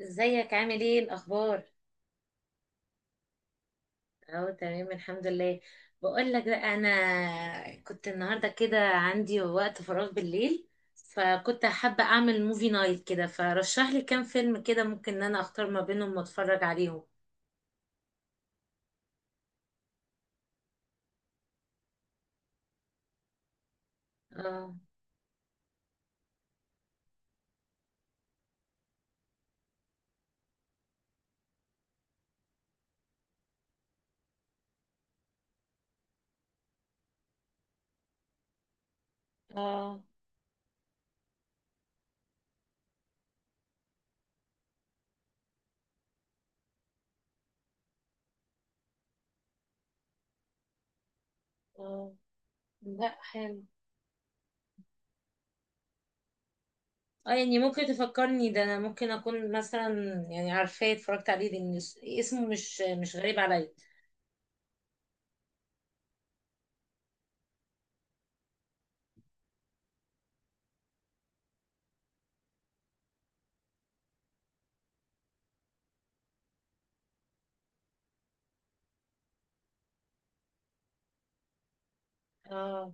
ازيك عامل ايه الاخبار؟ اهو تمام، الحمد لله. بقول لك بقى، انا كنت النهارده كده عندي وقت فراغ بالليل، فكنت حابه اعمل موفي نايت كده، فرشح لي كام فيلم كده ممكن ان انا اختار ما بينهم واتفرج عليهم. اه. اه. اه، لا حلو. اه يعني ممكن تفكرني، ده انا ممكن اكون مثلا يعني عارفاه اتفرجت عليه، لان اسمه مش غريب عليا. اه.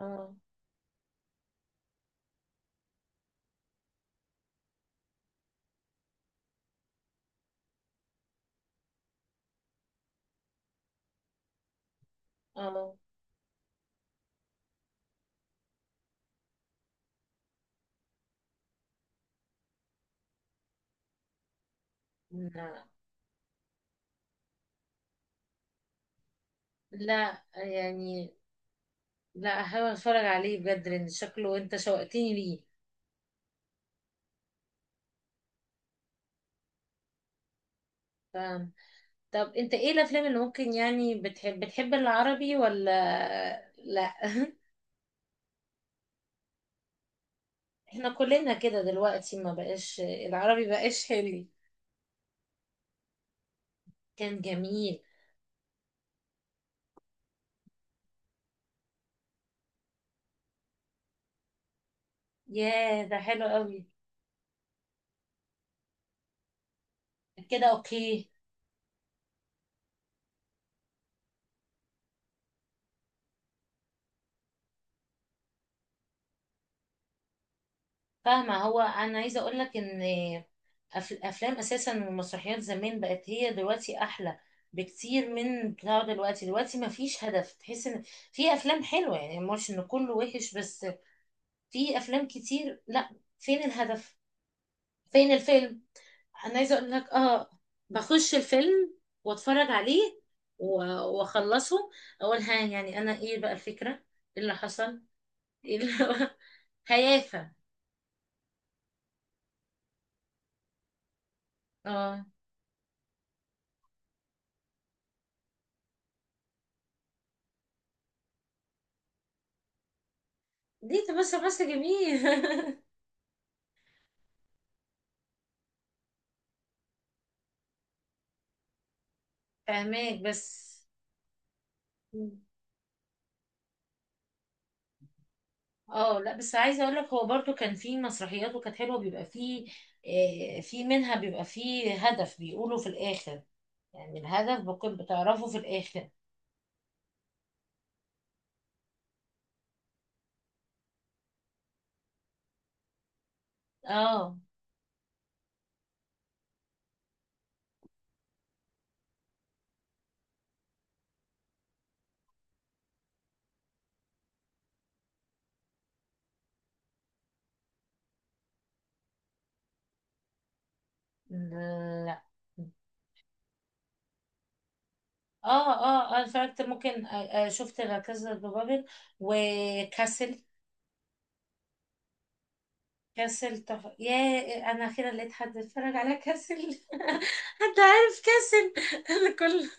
اه. اه، لا، لا يعني. لا، هحاول اتفرج عليه بجد لان شكله انت شوقتني ليه. ف... طب انت ايه الافلام اللي ممكن يعني بتحب العربي ولا لا؟ احنا كلنا كده دلوقتي، ما بقاش العربي بقاش حلو. كان جميل. ياه ده حلو قوي. كده اوكي. فاهمة. هو انا عايزة اقول لك ان افلام اساسا والمسرحيات زمان بقت هي دلوقتي احلى بكتير من بتاع دلوقتي. دلوقتي ما فيش هدف، تحس ان في افلام حلوة، يعني مش ان كله وحش، بس في افلام كتير لا. فين الهدف؟ فين الفيلم؟ انا عايزه اقول لك اه، بخش الفيلم واتفرج عليه و- واخلصه، اقول ها يعني انا ايه بقى الفكره، ايه اللي حصل، ايه اللي هيافه. اه، دي تبص بس جميل. فاهماك، بس اه لا، بس عايزه اقول لك هو برضو كان في مسرحيات وكانت حلوه، بيبقى فيه في منها بيبقى فيه هدف، بيقولوا في الاخر، يعني الهدف بكون بتعرفه في الاخر. اه. لا. اه. اه انا اتفرجت ممكن، شفت لا كازا دي بابل وكاسل. كاسل يا، انا اخيرا لقيت حد اتفرج على كاسل حد عارف كاسل انا كل...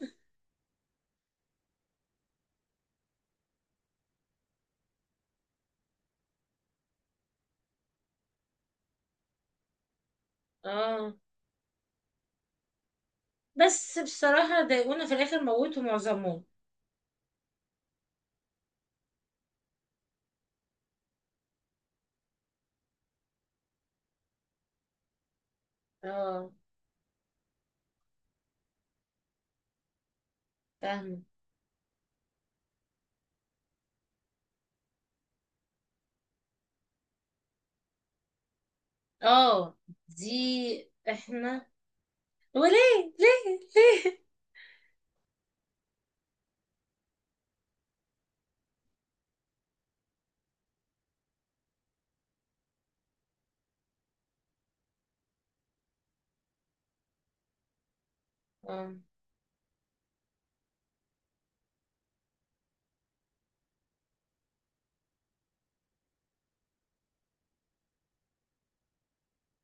اه، بس بصراحة ضايقونا في الاخر، موتوا معظمهم. اه. فاهمة. اه. دي احنا. وليه؟ ليه؟ ليه؟ اه.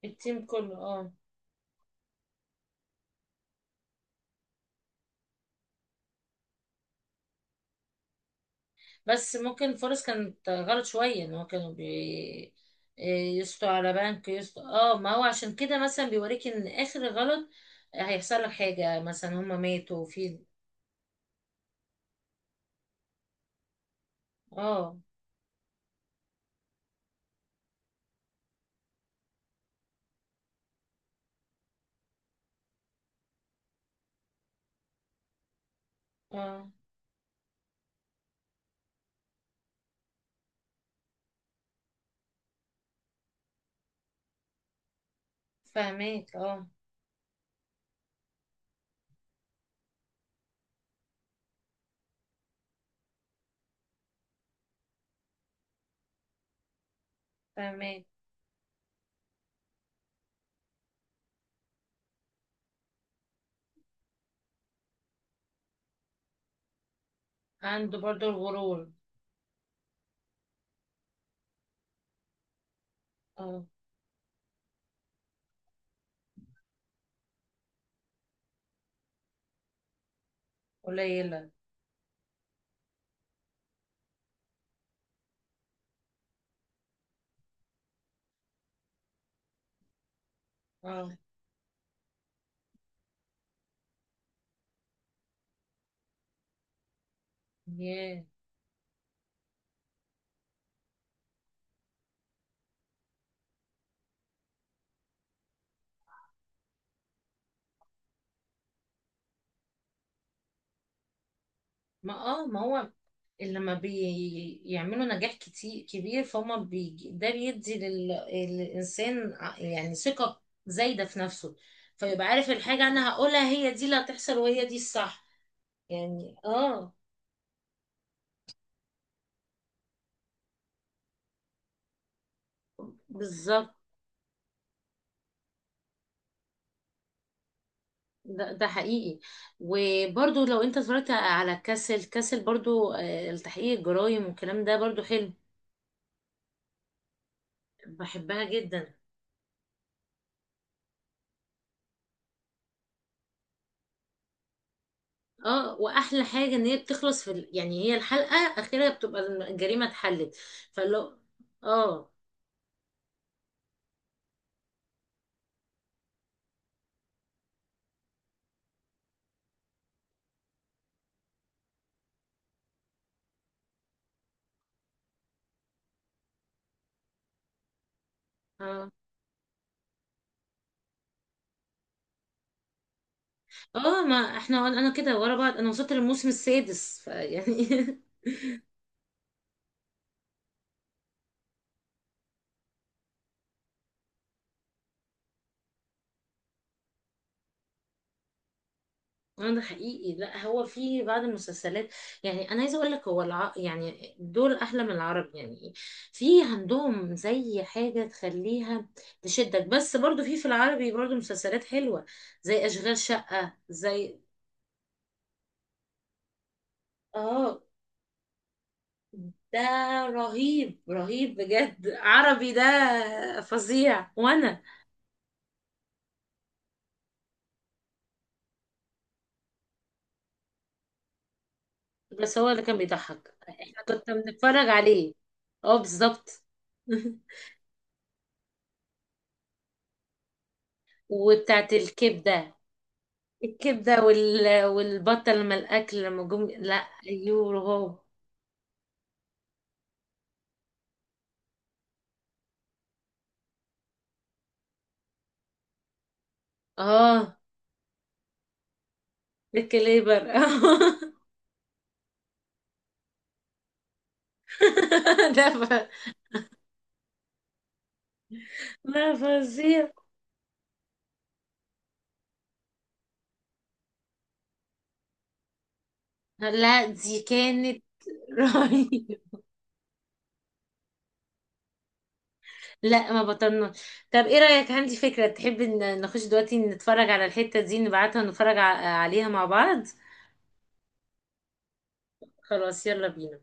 التيم كله اه. بس ممكن الفرص كانت غلط شوية، ان هو كانوا يسطوا على بنك، يسطوا اه ما هو عشان كده مثلا بيوريك ان اخر غلط هيحصل لك حاجة، مثلا هما ماتوا في... اه. اه، فاهمك. اه، فاهمك. عنده برضو الغرور. اه. قليلة. اه. ياه. ما هو اللي لما بيعملوا نجاح كتير كبير، فهم بيجي ده بيدي للإنسان يعني ثقة زايدة في نفسه، فيبقى عارف الحاجة أنا هقولها هي دي اللي هتحصل وهي دي الصح. يعني اه. بالظبط. ده حقيقي. وبرضو لو انت اتفرجت على كاسل، كاسل برضو التحقيق الجرايم والكلام ده برضو حلو. بحبها جدا. اه، واحلى حاجة ان هي بتخلص في يعني هي الحلقة اخرها بتبقى الجريمة اتحلت. فلو... اه. اه. اه، ما احنا انا كده ورا بعض، انا وصلت للموسم السادس فيعني اه، ده حقيقي. لا هو في بعض المسلسلات يعني، انا عايزه اقول لك هو يعني دول احلى من العرب يعني، في عندهم زي حاجه تخليها تشدك، بس برضو في العربي برضو مسلسلات حلوه، زي اشغال شقه، زي... اه، ده رهيب رهيب بجد، عربي ده فظيع. وانا... بس هو اللي كان بيضحك احنا كنا بنتفرج عليه. اه بالظبط. وبتاعت الكبدة، الكبدة والبطة لما الأكل لما جم. لا. أيوه، هو اه الكليبر. ده لا فظيع. لا دي كانت رهيب. لا ما بطلناش. طب ايه رأيك؟ عندي فكرة، تحب ان نخش دلوقتي نتفرج على الحتة دي، نبعتها ونتفرج عليها مع بعض. خلاص، يلا بينا.